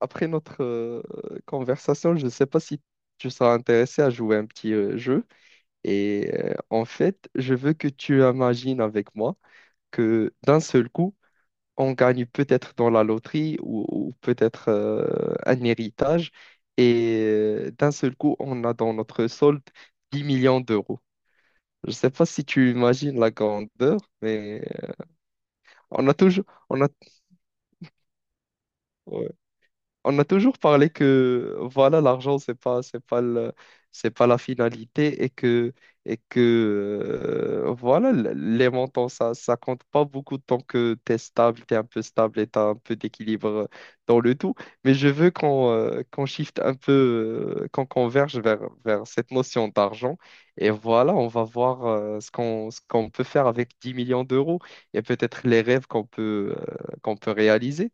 Après notre conversation, je ne sais pas si tu seras intéressé à jouer un petit jeu. Et en fait, je veux que tu imagines avec moi que d'un seul coup, on gagne peut-être dans la loterie ou peut-être un héritage. Et d'un seul coup, on a dans notre solde 10 millions d'euros. Je ne sais pas si tu imagines la grandeur, mais on a toujours... On a... on a toujours parlé que voilà, l'argent, c'est pas la finalité et que, et que voilà, les montants, ça compte pas beaucoup tant que tu es stable, tu es un peu stable et tu as un peu d'équilibre dans le tout. Mais je veux qu'on shift un peu, qu'on converge vers cette notion d'argent. Et voilà, on va voir ce qu'on peut faire avec 10 millions d'euros et peut-être les rêves qu'on peut réaliser.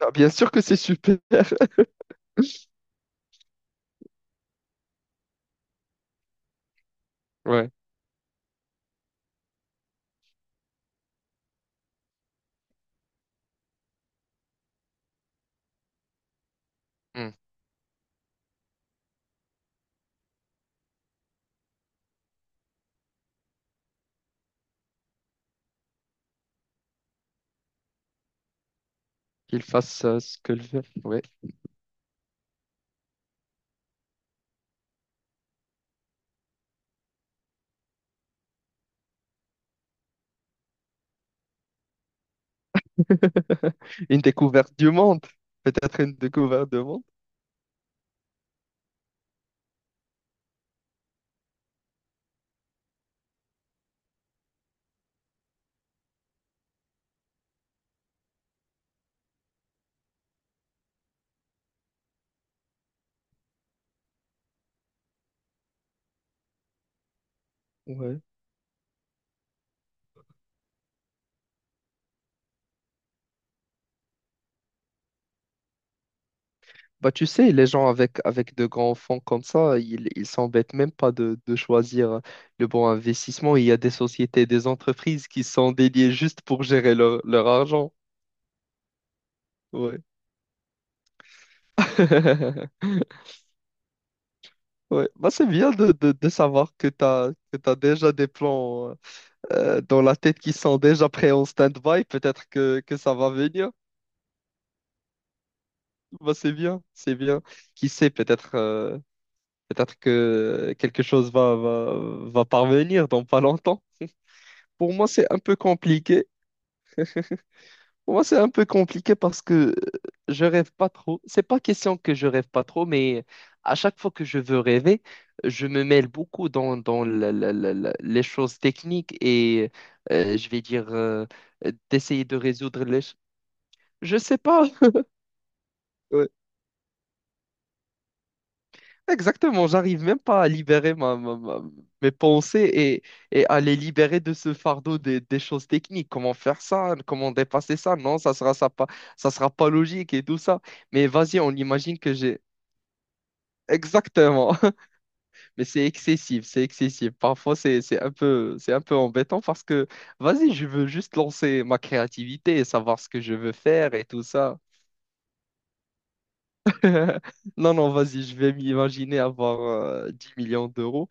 Ah, bien sûr que c'est super. Ouais. Hmm. Qu'il fasse ce que le veut. Ouais. Une découverte du monde. Peut-être une découverte du monde. Ouais. Bah, tu sais, les gens avec de grands fonds comme ça, ils s'embêtent même pas de choisir le bon investissement. Il y a des sociétés, des entreprises qui sont dédiées juste pour gérer leur argent. Ouais. Ouais. Bah, c'est bien de savoir que tu as, que tu déjà des plans dans la tête qui sont déjà prêts en stand-by. Peut-être que ça va venir. Bah, c'est bien, c'est bien. Qui sait, peut-être que quelque chose va parvenir dans pas longtemps. Pour moi, c'est un peu compliqué. Pour moi, c'est un peu compliqué parce que je rêve pas trop. C'est pas question que je rêve pas trop, mais à chaque fois que je veux rêver, je me mêle beaucoup dans les choses techniques et je vais dire d'essayer de résoudre. Je sais pas. Exactement, j'arrive même pas à libérer mes pensées et à les libérer de ce fardeau des choses techniques. Comment faire ça? Comment dépasser ça? Non, ça sera pas logique et tout ça. Mais vas-y, on imagine que j'ai exactement. Mais c'est excessif, c'est excessif. Parfois, c'est un peu embêtant parce que vas-y, je veux juste lancer ma créativité et savoir ce que je veux faire et tout ça. Non, non, vas-y, je vais m'imaginer avoir 10 millions d'euros.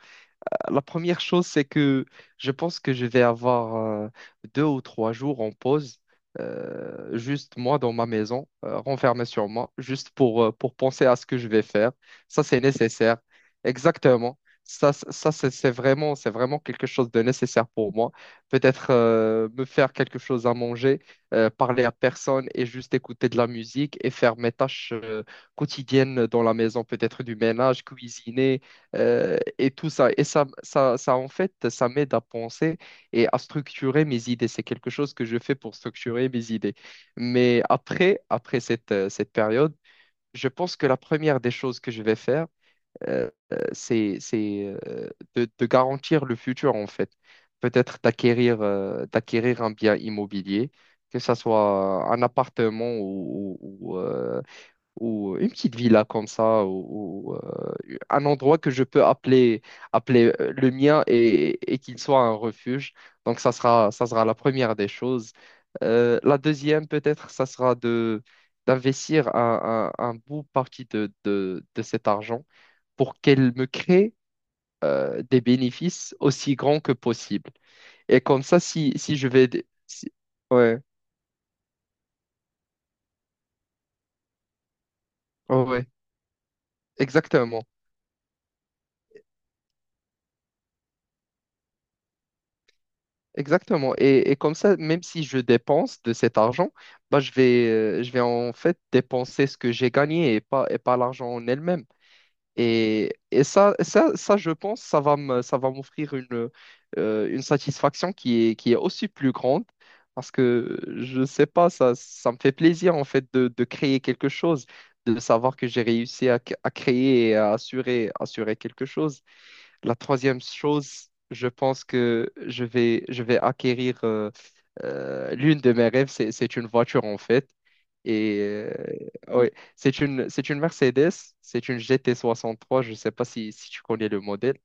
La première chose, c'est que je pense que je vais avoir deux ou trois jours en pause, juste moi dans ma maison, renfermé sur moi, juste pour penser à ce que je vais faire. Ça, c'est nécessaire. Exactement. Ça, c'est vraiment, c'est vraiment quelque chose de nécessaire pour moi. Peut-être me faire quelque chose à manger, parler à personne et juste écouter de la musique et faire mes tâches quotidiennes dans la maison, peut-être du ménage, cuisiner et tout ça. Et ça, en fait, ça m'aide à penser et à structurer mes idées. C'est quelque chose que je fais pour structurer mes idées. Mais après cette période, je pense que la première des choses que je vais faire, c'est de garantir le futur, en fait. Peut-être d'acquérir un bien immobilier, que ce soit un appartement ou une petite villa comme ça, un endroit que je peux appeler le mien et qu'il soit un refuge. Donc, ça sera la première des choses. La deuxième, peut-être, ça sera d'investir un bout partie de cet argent pour qu'elle me crée des bénéfices aussi grands que possible. Et comme ça, si, si je vais... si- Ouais, ouais, exactement. Exactement. Et comme ça, même si je dépense de cet argent, bah, je vais en fait dépenser ce que j'ai gagné et pas l'argent en elle-même. Et ça, je pense, ça va m'offrir une satisfaction qui est aussi plus grande parce que je sais pas, ça me fait plaisir en fait de créer quelque chose, de savoir que j'ai réussi à créer et à assurer quelque chose. La troisième chose, je pense que je vais acquérir l'une de mes rêves, c'est une voiture en fait. Et ouais, c'est une Mercedes, c'est une GT63, je ne sais pas si tu connais le modèle.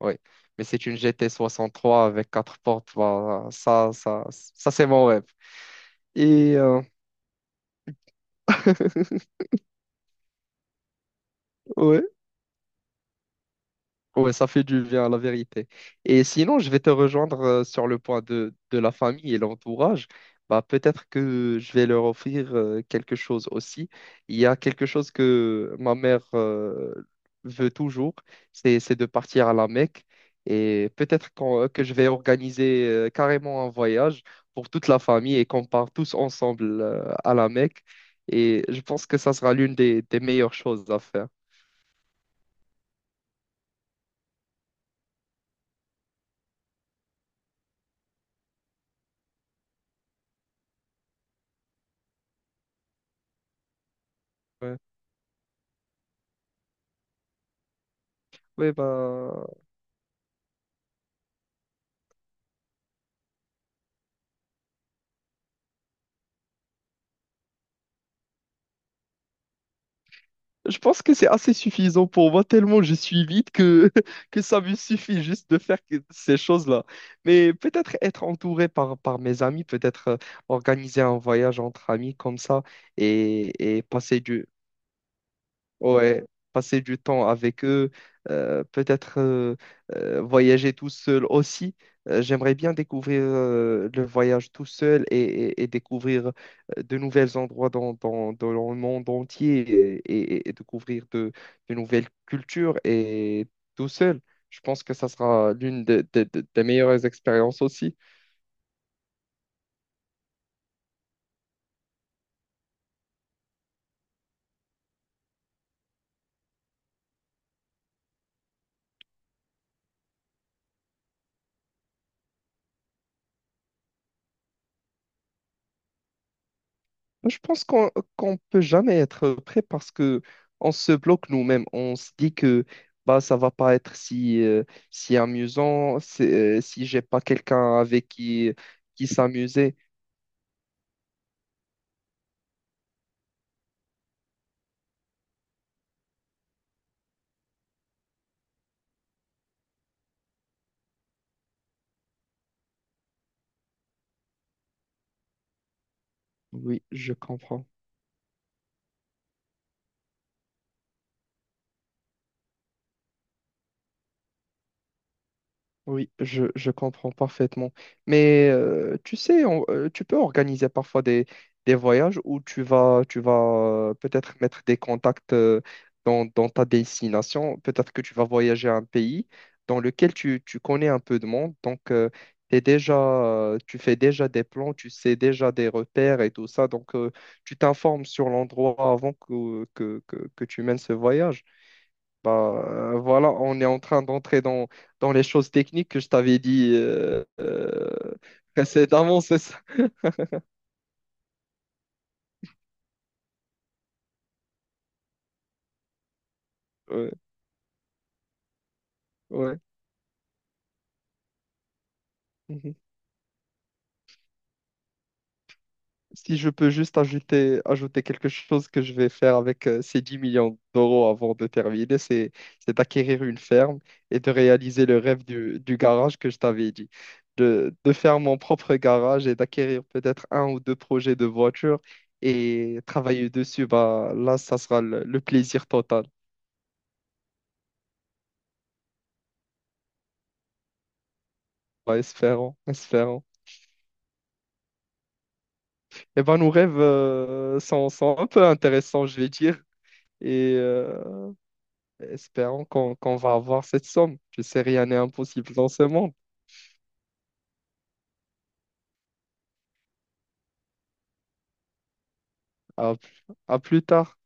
Ouais, mais c'est une GT63 avec quatre portes. Voilà, ça c'est mon rêve. Et ouais. Ouais, ça fait du bien, la vérité. Et sinon, je vais te rejoindre sur le point de la famille et l'entourage. Bah, peut-être que je vais leur offrir quelque chose aussi. Il y a quelque chose que ma mère veut toujours, c'est de partir à la Mecque. Et peut-être que je vais organiser carrément un voyage pour toute la famille et qu'on part tous ensemble à la Mecque. Et je pense que ça sera l'une des meilleures choses à faire. Ouais, ouais, bah. Je pense que c'est assez suffisant pour moi, tellement je suis vite que, que ça me suffit juste de faire ces choses-là. Mais peut-être être entouré par mes amis, peut-être organiser un voyage entre amis comme ça et Ouais, passer du temps avec eux, peut-être voyager tout seul aussi. J'aimerais bien découvrir le voyage tout seul et découvrir de nouveaux endroits dans le monde entier et découvrir de nouvelles cultures et tout seul. Je pense que ça sera l'une des meilleures expériences aussi. Je pense qu'on peut jamais être prêt parce que on se bloque nous-mêmes. On se dit que bah ça va pas être si amusant si j'ai pas quelqu'un avec qui s'amuser. Oui, je comprends. Oui, je comprends parfaitement. Mais tu sais, tu peux organiser parfois des voyages où tu vas peut-être mettre des contacts dans ta destination. Peut-être que tu vas voyager à un pays dans lequel tu connais un peu de monde. Donc, t'es déjà, tu fais déjà des plans, tu sais déjà des repères et tout ça. Donc, tu t'informes sur l'endroit avant que tu mènes ce voyage. Bah, voilà, on est en train d'entrer dans les choses techniques que je t'avais dit précédemment, c'est ça. Ouais, ouais. Mhm. Si je peux juste ajouter quelque chose que je vais faire avec ces 10 millions d'euros avant de terminer, c'est d'acquérir une ferme et de réaliser le rêve du garage que je t'avais dit. De faire mon propre garage et d'acquérir peut-être un ou deux projets de voitures et travailler dessus, bah, là, ça sera le plaisir total. Ouais, espérons, espérons. Eh ben, nos rêves sont un peu intéressants, je vais dire. Et espérons qu'on va avoir cette somme. Je sais, rien n'est impossible dans ce monde. À, à plus tard.